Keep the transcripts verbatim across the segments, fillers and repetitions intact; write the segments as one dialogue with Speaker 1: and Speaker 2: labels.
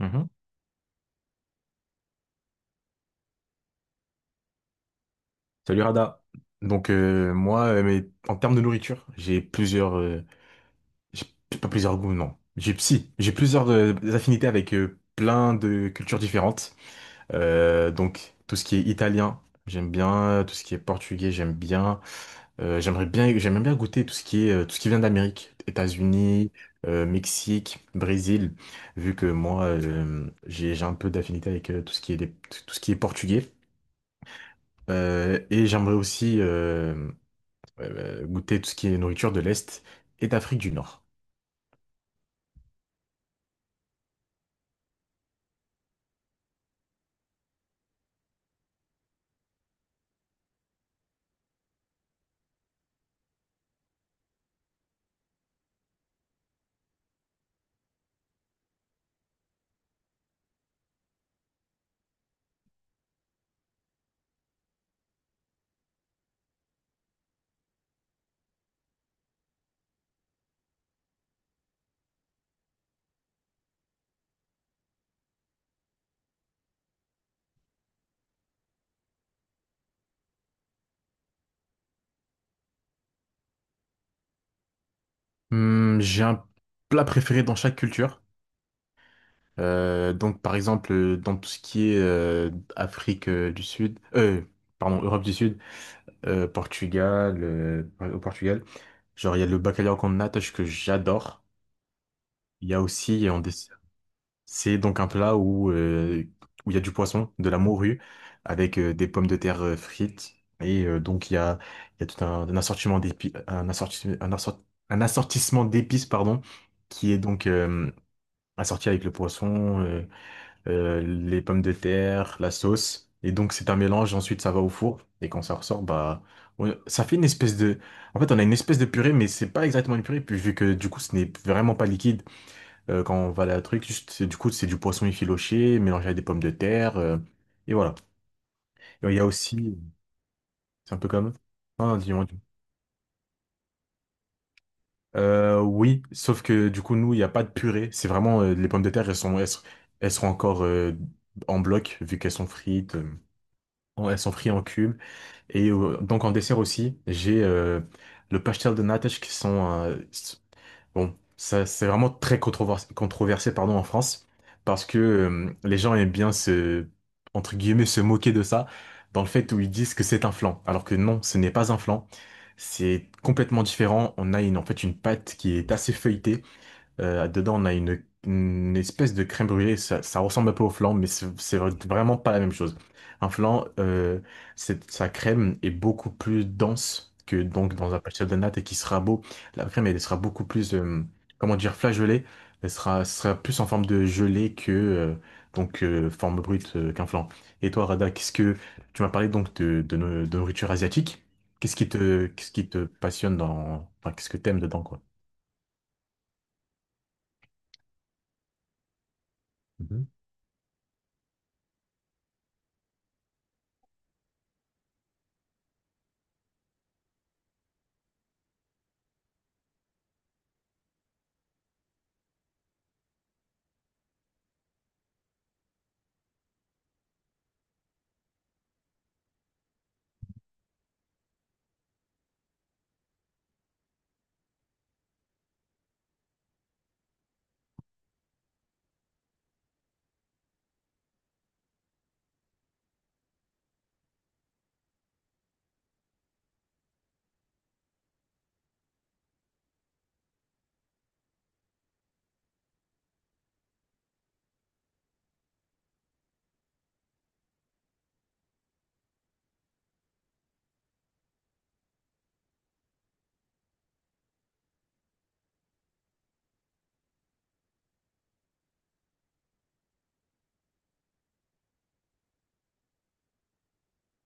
Speaker 1: Mhm. Salut Rada. Donc euh, moi, euh, mais en termes de nourriture, j'ai plusieurs, euh, j'ai p- pas plusieurs goûts, non. J'ai si, j'ai plusieurs euh, affinités avec euh, plein de cultures différentes. Euh, donc tout ce qui est italien, j'aime bien. Tout ce qui est portugais, j'aime bien. Euh, j'aimerais bien, j'aime bien goûter tout ce qui est, euh, tout ce qui vient d'Amérique, États-Unis, euh, Mexique, Brésil. Vu que moi, euh, j'ai j'ai un peu d'affinité avec euh, tout ce qui est des- tout ce qui est portugais. Euh, et j'aimerais aussi euh, euh, goûter tout ce qui est nourriture de l'Est et d'Afrique du Nord. Hmm, j'ai un plat préféré dans chaque culture. Euh, donc, par exemple, euh, dans tout ce qui est euh, Afrique euh, du Sud, euh, pardon, Europe du Sud, euh, Portugal, euh, au Portugal, genre il y a le bacalhau com natas que j'adore. Il y a aussi, en, dé- C'est donc un plat où euh, où il y a du poisson, de la morue, avec euh, des pommes de terre euh, frites. Et euh, donc il y a, il y a tout un, un assortiment d'épices, un, assorti- un, assort- un assortissement d'épices, pardon, qui est donc euh, assorti avec le poisson, euh, euh, les pommes de terre, la sauce. Et donc c'est un mélange, ensuite ça va au four. Et quand ça ressort, bah on- ça fait une espèce de. En fait, on a une espèce de purée, mais c'est pas exactement une purée, puis vu que du coup ce n'est vraiment pas liquide euh, quand on va à la truc. Juste, c'est- du coup, c'est du poisson effiloché mélangé avec des pommes de terre. euh, et voilà. Et il y a aussi, c'est un peu comme. Non, non, dis-moi, dis-moi. Euh, oui, sauf que du coup, nous, il n'y a pas de purée. C'est vraiment euh, les pommes de terre, elles sont, elles, sont- elles seront encore euh, en bloc, vu qu'elles sont frites. euh, en- elles sont frites en cubes. Et euh, donc, en dessert aussi, j'ai euh, le pastel de nata qui sont. Bon, ça c'est vraiment très controversé, controversé pardon, en France parce que euh, les gens aiment bien se, entre guillemets, se moquer de ça dans le fait où ils disent que c'est un flan, alors que non, ce n'est pas un flan. C'est complètement différent. On a une, en fait une pâte qui est assez feuilletée, euh, dedans, on a une, une espèce de crème brûlée. Ça, ça ressemble un peu au flan, mais c'est c'est vraiment pas la même chose. Un flan, euh, c'est- sa crème est beaucoup plus dense que donc dans un pâtissier de natte et qui sera beau. La crème, elle sera beaucoup plus, euh, comment dire, flageolée. Elle sera, sera plus en forme de gelée que euh, donc euh, forme brute euh, qu'un flan. Et toi, Rada, qu'est-ce que tu m'as parlé donc de, de, no- de nourriture asiatique? Qu'est-ce qui te, qu'est-ce qui te passionne dans, enfin, qu'est-ce que t'aimes dedans, quoi?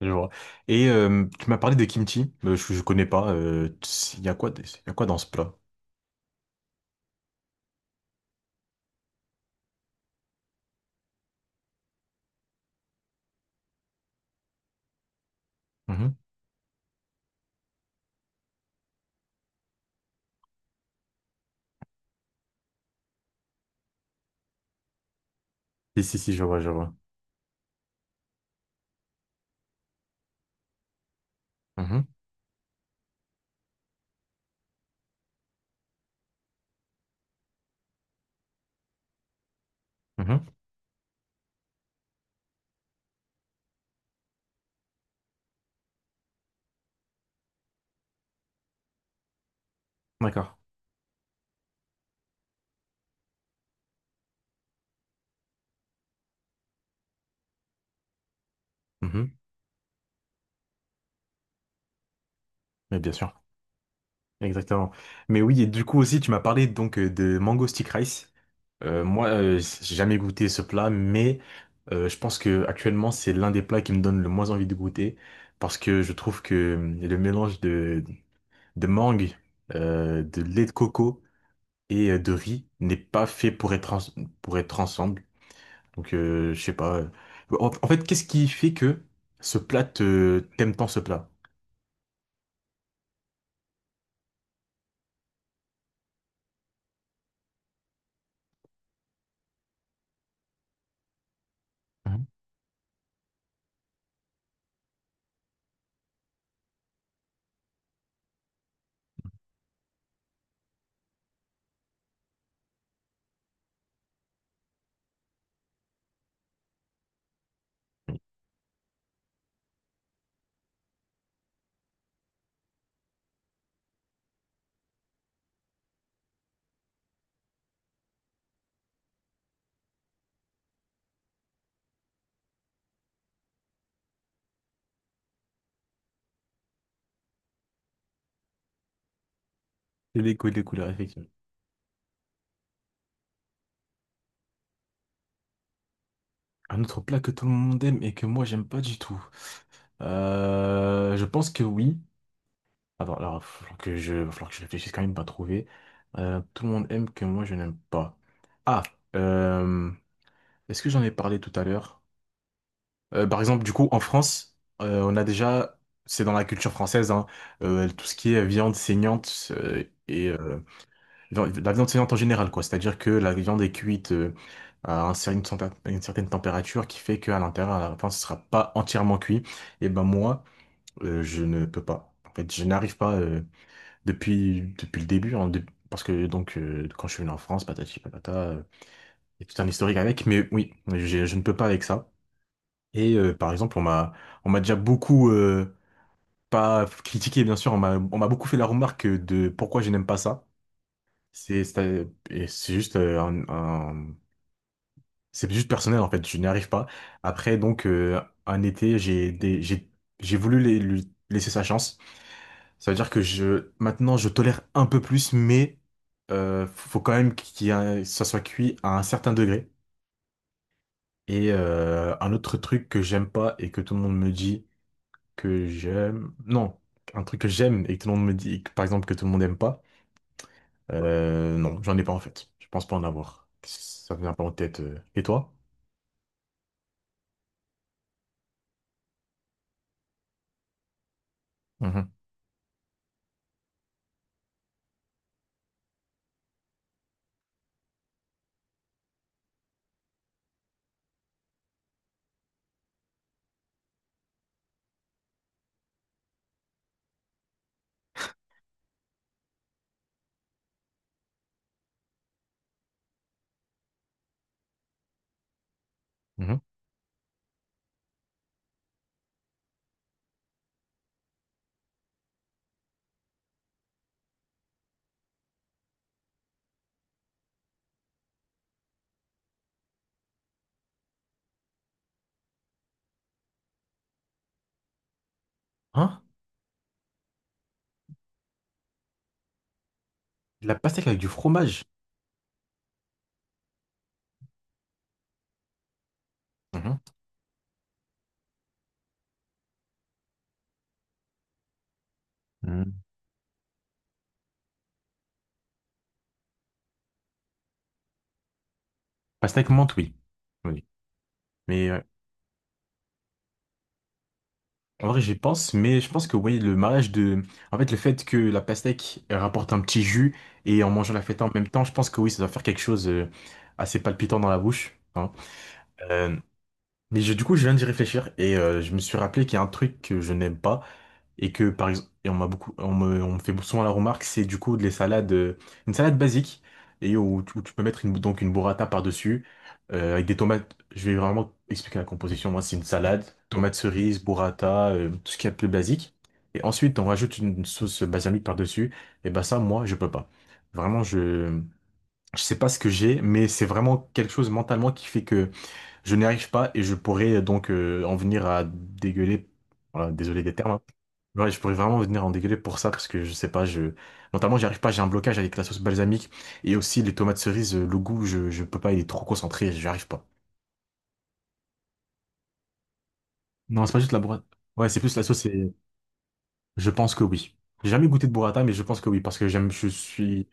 Speaker 1: Je vois. Et euh, tu m'as parlé de kimchi. Euh, je, je connais pas. euh, Il y a quoi, il y a quoi dans ce plat? Mhm. Si, si, si, je vois, je vois. Mhm, mhm. D'accord. Mhm. Mais bien sûr. Exactement. Mais oui, et du coup aussi, tu m'as parlé donc euh, de mango stick rice. Euh, moi, euh, j'ai jamais goûté ce plat, mais euh, je pense que actuellement, c'est l'un des plats qui me donne le moins envie de goûter parce que je trouve que euh, le mélange de, de mangue, euh, de lait de coco et euh, de riz n'est pas fait pour être, en- pour être ensemble. Donc, euh, je sais pas. euh. En, en fait, qu'est-ce qui fait que ce plat te, t'aimes tant ce plat? Mhm. C'est les goûts et les couleurs, effectivement. Un autre plat que tout le monde aime et que moi, j'aime pas du tout. Euh, je pense que oui. Attends, alors, il va falloir que je, il va falloir que je réfléchisse quand même pas trouver. Euh, tout le monde aime que moi, je n'aime pas. Ah, euh, est-ce que j'en ai parlé tout à l'heure? Euh, par exemple, du coup, en France, euh, on a déjà, c'est dans la culture française, hein, euh, tout ce qui est viande saignante euh, et euh, vi- la viande saignante en général, quoi. C'est-à-dire que la viande est cuite euh, à un cer- une, centa- une certaine température qui fait qu'à l'intérieur, à la fin, ce sera pas entièrement cuit. Et ben moi, euh, je ne peux pas. En fait, je n'arrive pas euh, depuis depuis le début, hein, de- parce que donc euh, quand je suis venu en France, patati patata, euh, il y a tout un historique avec. Mais oui, je je ne peux pas avec ça. Et euh, par exemple, on m'a on m'a déjà beaucoup euh, pas critiqué, bien sûr, on m'a on m'a beaucoup fait la remarque de pourquoi je n'aime pas ça. C'est c'est euh, et c'est juste euh, un, un- c'est juste personnel en fait, je n'y arrive pas. Après donc euh, un été, j'ai des- j'ai j'ai voulu les- lui laisser sa chance. Ça veut dire que je maintenant je tolère un peu plus, mais euh, faut quand même qu'il y ait un- ça soit cuit à un certain degré. Et euh, un autre truc que j'aime pas et que tout le monde me dit que j'aime. Non, un truc que j'aime et que tout le monde me dit, et que, par exemple, que tout le monde n'aime pas. Euh, non, j'en ai pas en fait. Je pense pas en avoir. Ça me vient pas en tête. euh. Et toi? Mhm, mhm. Hein? De la pastèque avec du fromage? Mhm. Hmm. Pastèque menthe, oui. Oui. Mais euh, en vrai, j'y pense, mais je pense que oui, le mariage de. En fait, le fait que la pastèque euh, rapporte un petit jus et en mangeant la fête en même temps, je pense que oui, ça doit faire quelque chose euh, assez palpitant dans la bouche, hein. Euh, Mais je- du coup, je viens d'y réfléchir et euh, je me suis rappelé qu'il y a un truc que je n'aime pas et que, par exemple, et on m'a beaucoup, on me, on me fait souvent la remarque, c'est du coup les salades, euh, une salade basique et où, tu où tu peux mettre une, donc une burrata par-dessus euh, avec des tomates. Je vais vraiment expliquer la composition. Moi, c'est une salade, tomates cerises, burrata, euh, tout ce qu'il y a de plus basique. Et ensuite, on rajoute une, une sauce balsamique par-dessus. Et ben ça, moi, je peux pas. Vraiment, je, je sais pas ce que j'ai, mais c'est vraiment quelque chose mentalement qui fait que je n'y arrive pas et je pourrais euh, donc euh, en venir à dégueuler. Voilà, désolé des termes, hein. Ouais, je pourrais vraiment venir en dégueuler pour ça parce que je sais pas, je mentalement j'y arrive pas, j'ai un blocage avec la sauce balsamique et aussi les tomates cerises, euh, le goût, je, je peux pas, il est trop concentré, j'y arrive pas. Non, c'est pas juste la boîte. Ouais, c'est plus la sauce. Je pense que oui. J'ai jamais goûté de burrata, mais je pense que oui, parce que j'aime, je suis,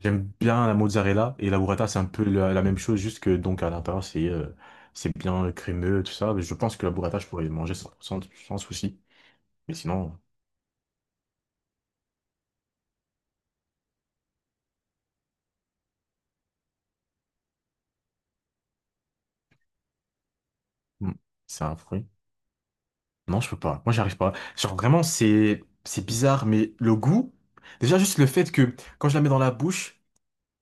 Speaker 1: j'aime bien la mozzarella et la burrata, c'est un peu la, la même chose, juste que donc à l'intérieur c'est, euh, c'est bien crémeux, tout ça. Mais je pense que la burrata, je pourrais manger sans, sans, sans souci. Mais sinon, hmm, c'est un fruit. Non, je peux pas. Moi, j'arrive pas. Genre vraiment, c'est, c'est bizarre, mais le goût, déjà juste le fait que quand je la mets dans la bouche,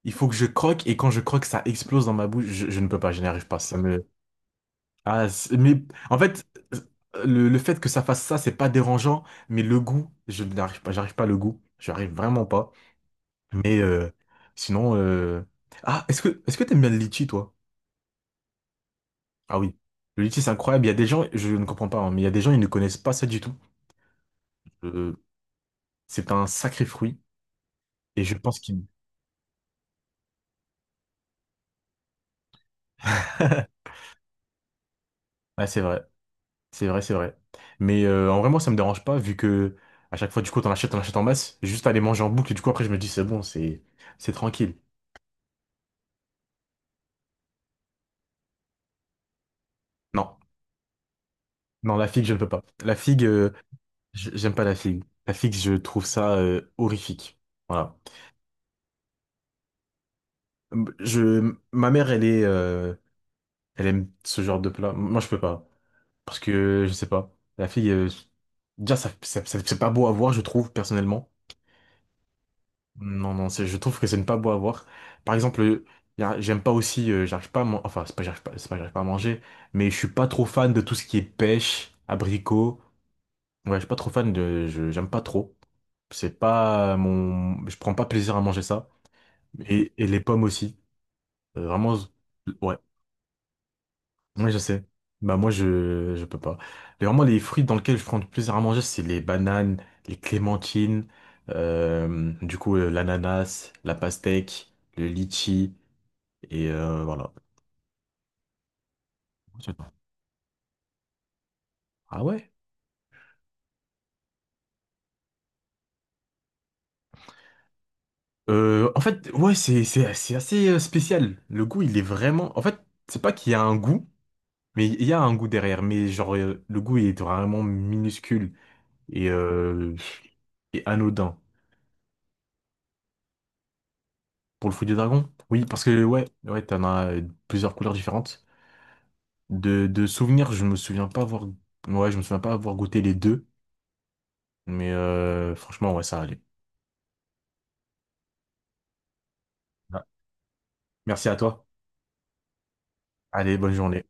Speaker 1: il faut que je croque et quand je croque, ça explose dans ma bouche. Je, je ne peux pas, je n'y arrive pas. Ça me. Ah, c'est- mais en fait, le, le fait que ça fasse ça, c'est pas dérangeant, mais le goût, je n'arrive pas, j'arrive pas à le goût, j'arrive vraiment pas. Mais euh, sinon, euh, ah, est-ce que est-ce que t'aimes bien le litchi, toi? Ah oui, le litchi, c'est incroyable. Il y a des gens, je ne comprends pas, hein, mais il y a des gens, ils ne connaissent pas ça du tout. Euh, c'est un sacré fruit, et je pense qu'il Ouais, c'est vrai, c'est vrai, c'est vrai. Mais euh, en vrai, moi, ça me dérange pas, vu que à chaque fois, du coup, t'en achètes, t'en achètes en masse, juste à les manger en boucle, et du coup, après, je me dis, c'est bon, c'est c'est tranquille. Non. Non, la figue, je ne peux pas. La figue, euh, je- j'aime pas la figue. La figue, je trouve ça euh, horrifique. Voilà. Je, ma mère, elle est, euh, elle aime ce genre de plat. Moi, je peux pas. Parce que, je sais pas. La figue, euh, déjà, ça, ça- ça- c'est pas beau à voir, je trouve, personnellement. Non, non, c'est- je trouve que c'est ne pas beau à voir. Par exemple, euh, y a- j'aime pas aussi, euh, j'arrive pas à man- enfin, c'est pas, j'arrive pas, c'est pas, j'arrive pas à manger, mais je suis pas trop fan de tout ce qui est pêche, abricot. Ouais, je suis pas trop fan de, je, j'aime pas trop. C'est pas mon, je prends pas plaisir à manger ça. Et, et les pommes aussi. Euh, vraiment, z- ouais. Ouais, je sais. Bah, moi, je, je peux pas. Mais vraiment, les fruits dans lesquels je prends du plaisir à manger, c'est les bananes, les clémentines, euh, du coup, euh, l'ananas, la pastèque, le litchi, et euh, voilà. Ah ouais? Euh, en fait, ouais, c'est, c'est, c'est assez euh, spécial. Le goût, il est vraiment, en fait, c'est pas qu'il y a un goût. Mais il y a un goût derrière, mais genre, euh, le goût il est vraiment minuscule et, euh, et anodin. Pour le fruit du dragon? Oui, parce que ouais, ouais, t'en as euh, plusieurs couleurs différentes. De, de souvenirs, je me souviens pas avoir. Ouais, je me souviens pas avoir goûté les deux. Mais euh, franchement, ouais, ça allait. Ah, merci à toi. Allez, bonne journée.